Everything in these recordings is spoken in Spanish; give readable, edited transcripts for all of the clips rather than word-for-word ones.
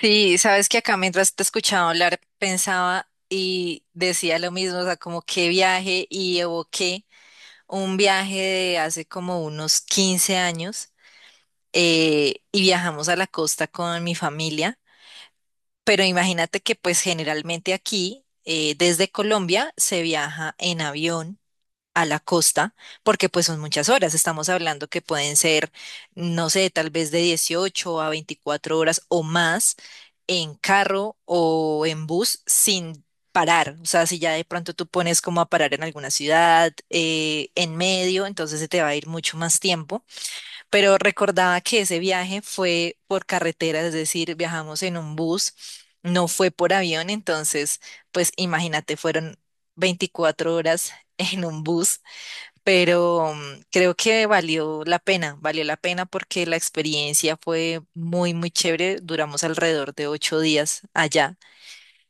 Sí, sabes que acá mientras te escuchaba hablar pensaba y decía lo mismo, o sea, como qué viaje, y evoqué un viaje de hace como unos 15 años y viajamos a la costa con mi familia, pero imagínate que pues generalmente aquí desde Colombia se viaja en avión a la costa, porque pues son muchas horas, estamos hablando que pueden ser, no sé, tal vez de 18 a 24 horas o más en carro o en bus sin parar, o sea, si ya de pronto tú pones como a parar en alguna ciudad, en medio, entonces se te va a ir mucho más tiempo, pero recordaba que ese viaje fue por carretera, es decir, viajamos en un bus, no fue por avión, entonces, pues imagínate, fueron 24 horas en un bus, pero creo que valió la pena porque la experiencia fue muy, muy chévere. Duramos alrededor de 8 días allá.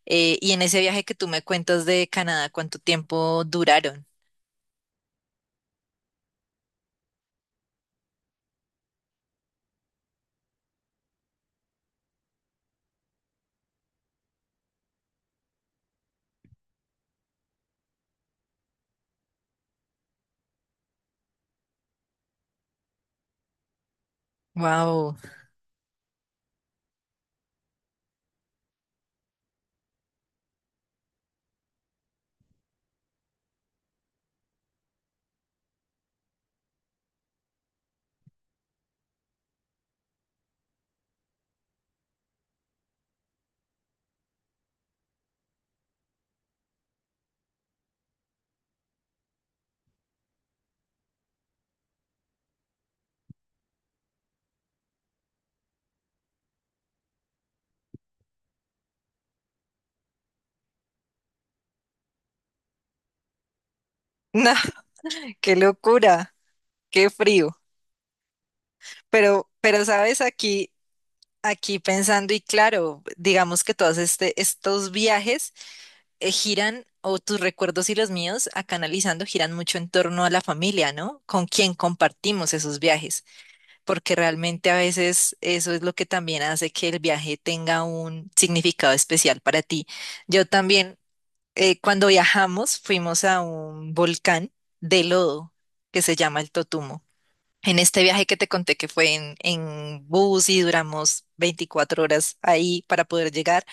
Y en ese viaje que tú me cuentas de Canadá, ¿cuánto tiempo duraron? Wow. No, qué locura, qué frío. Pero sabes, aquí, aquí pensando y claro, digamos que todos estos viajes giran, o tus recuerdos y los míos, acá analizando, giran mucho en torno a la familia, ¿no? Con quien compartimos esos viajes, porque realmente a veces eso es lo que también hace que el viaje tenga un significado especial para ti. Yo también, cuando viajamos, fuimos a un volcán de lodo que se llama el Totumo. En este viaje que te conté que fue en bus y duramos 24 horas ahí para poder llegar.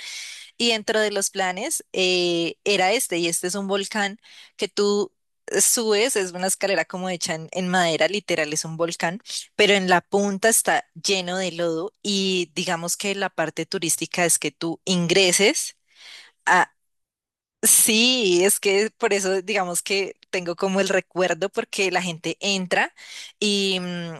Y dentro de los planes era este, y este es un volcán que tú subes, es una escalera como hecha en madera, literal es un volcán, pero en la punta está lleno de lodo, y digamos que la parte turística es que tú ingreses a... Sí, es que por eso digamos que tengo como el recuerdo porque la gente entra y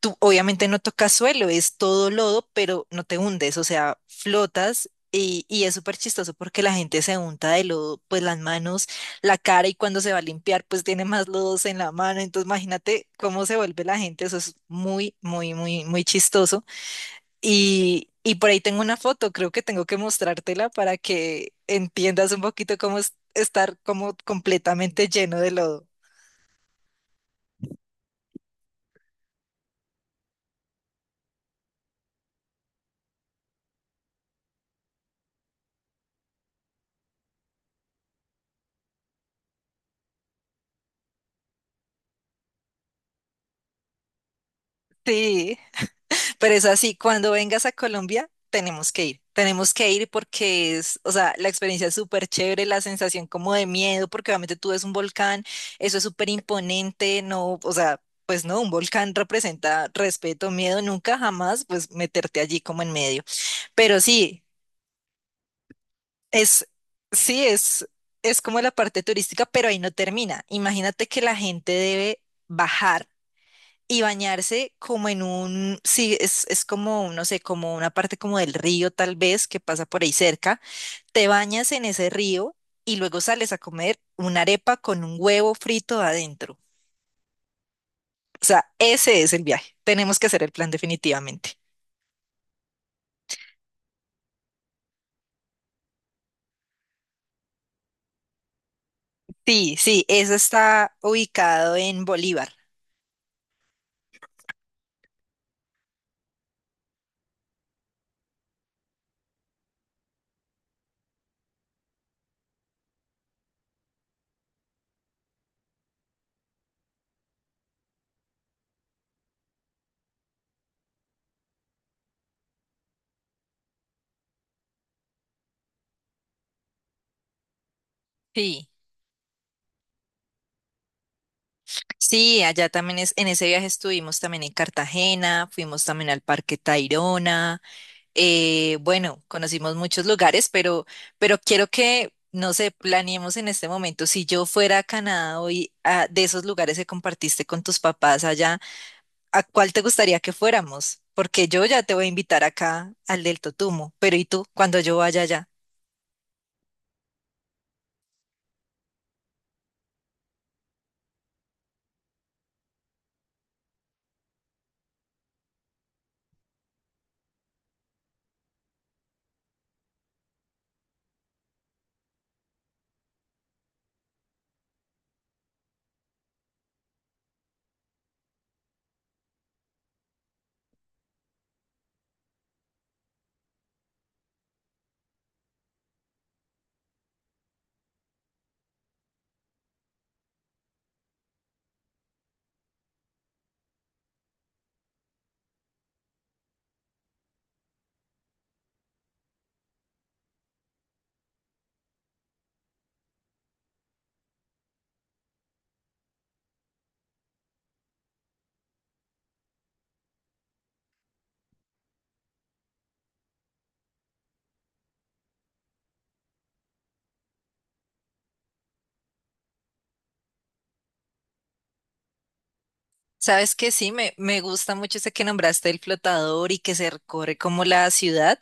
tú obviamente no tocas suelo, es todo lodo, pero no te hundes, o sea, flotas, y es súper chistoso porque la gente se unta de lodo, pues las manos, la cara, y cuando se va a limpiar, pues tiene más lodos en la mano, entonces imagínate cómo se vuelve la gente, eso es muy, muy, muy, muy chistoso. Y por ahí tengo una foto, creo que tengo que mostrártela para que entiendas un poquito cómo es estar como completamente lleno de lodo. Sí. Pero es así, cuando vengas a Colombia, tenemos que ir. Tenemos que ir porque es, o sea, la experiencia es súper chévere, la sensación como de miedo, porque obviamente tú ves un volcán, eso es súper imponente, no, o sea, pues no, un volcán representa respeto, miedo, nunca jamás, pues meterte allí como en medio. Pero es, sí, es como la parte turística, pero ahí no termina. Imagínate que la gente debe bajar y bañarse como en un, sí, es como, no sé, como una parte como del río tal vez que pasa por ahí cerca. Te bañas en ese río y luego sales a comer una arepa con un huevo frito adentro. O sea, ese es el viaje. Tenemos que hacer el plan definitivamente. Sí, sí, eso está ubicado en Bolívar. Sí. Sí, allá también es, en ese viaje estuvimos también en Cartagena, fuimos también al Parque Tayrona. Bueno, conocimos muchos lugares, pero quiero que, no sé, planeemos en este momento, si yo fuera a Canadá hoy, a- de esos lugares que compartiste con tus papás allá, ¿a cuál te gustaría que fuéramos? Porque yo ya te voy a invitar acá al del Totumo, pero ¿y tú cuando yo vaya allá? Sabes que sí, me gusta mucho ese que nombraste, el flotador y que se recorre como la ciudad,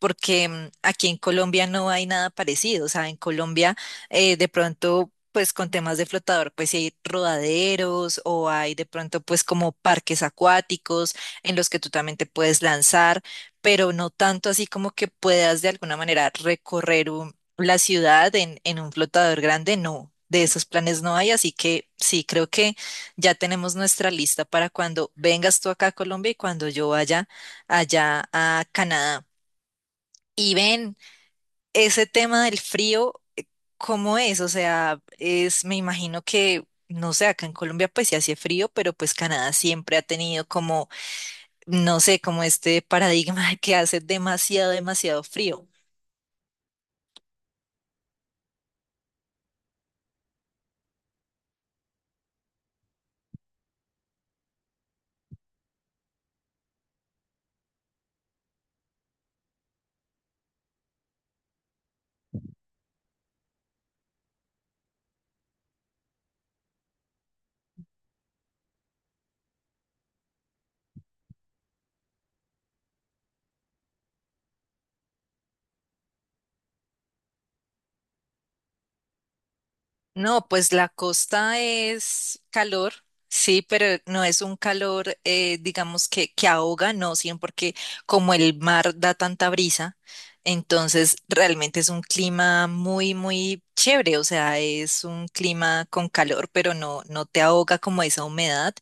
porque aquí en Colombia no hay nada parecido. O sea, en Colombia de pronto, pues con temas de flotador, pues sí hay rodaderos o hay de pronto pues como parques acuáticos en los que tú también te puedes lanzar, pero no tanto así como que puedas de alguna manera recorrer un- la ciudad en un flotador grande, no. De esos planes no hay, así que sí, creo que ya tenemos nuestra lista para cuando vengas tú acá a Colombia y cuando yo vaya allá a Canadá. Y ven, ese tema del frío, ¿cómo es? O sea, es, me imagino que, no sé, acá en Colombia pues sí hace frío, pero pues Canadá siempre ha tenido como, no sé, como este paradigma de que hace demasiado, demasiado frío. No, pues la costa es calor, sí, pero no es un calor, digamos, que ahoga, no, sí, porque como el mar da tanta brisa, entonces realmente es un clima muy, muy chévere, o sea, es un clima con calor, pero no, no te ahoga como esa humedad.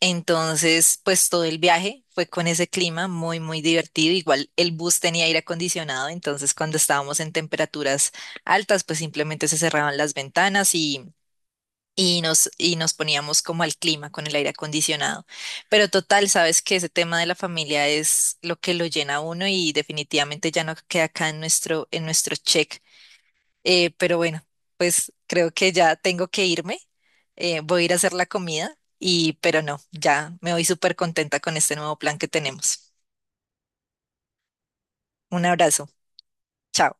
Entonces, pues todo el viaje fue con ese clima muy, muy divertido. Igual el bus tenía aire acondicionado, entonces cuando estábamos en temperaturas altas, pues simplemente se cerraban las ventanas y nos poníamos como al clima con el aire acondicionado. Pero total, sabes que ese tema de la familia es lo que lo llena a uno, y definitivamente ya no queda acá en nuestro check, pero bueno, pues creo que ya tengo que irme. Voy a ir a hacer la comida y, pero no, ya me voy súper contenta con este nuevo plan que tenemos. Un abrazo. Chao.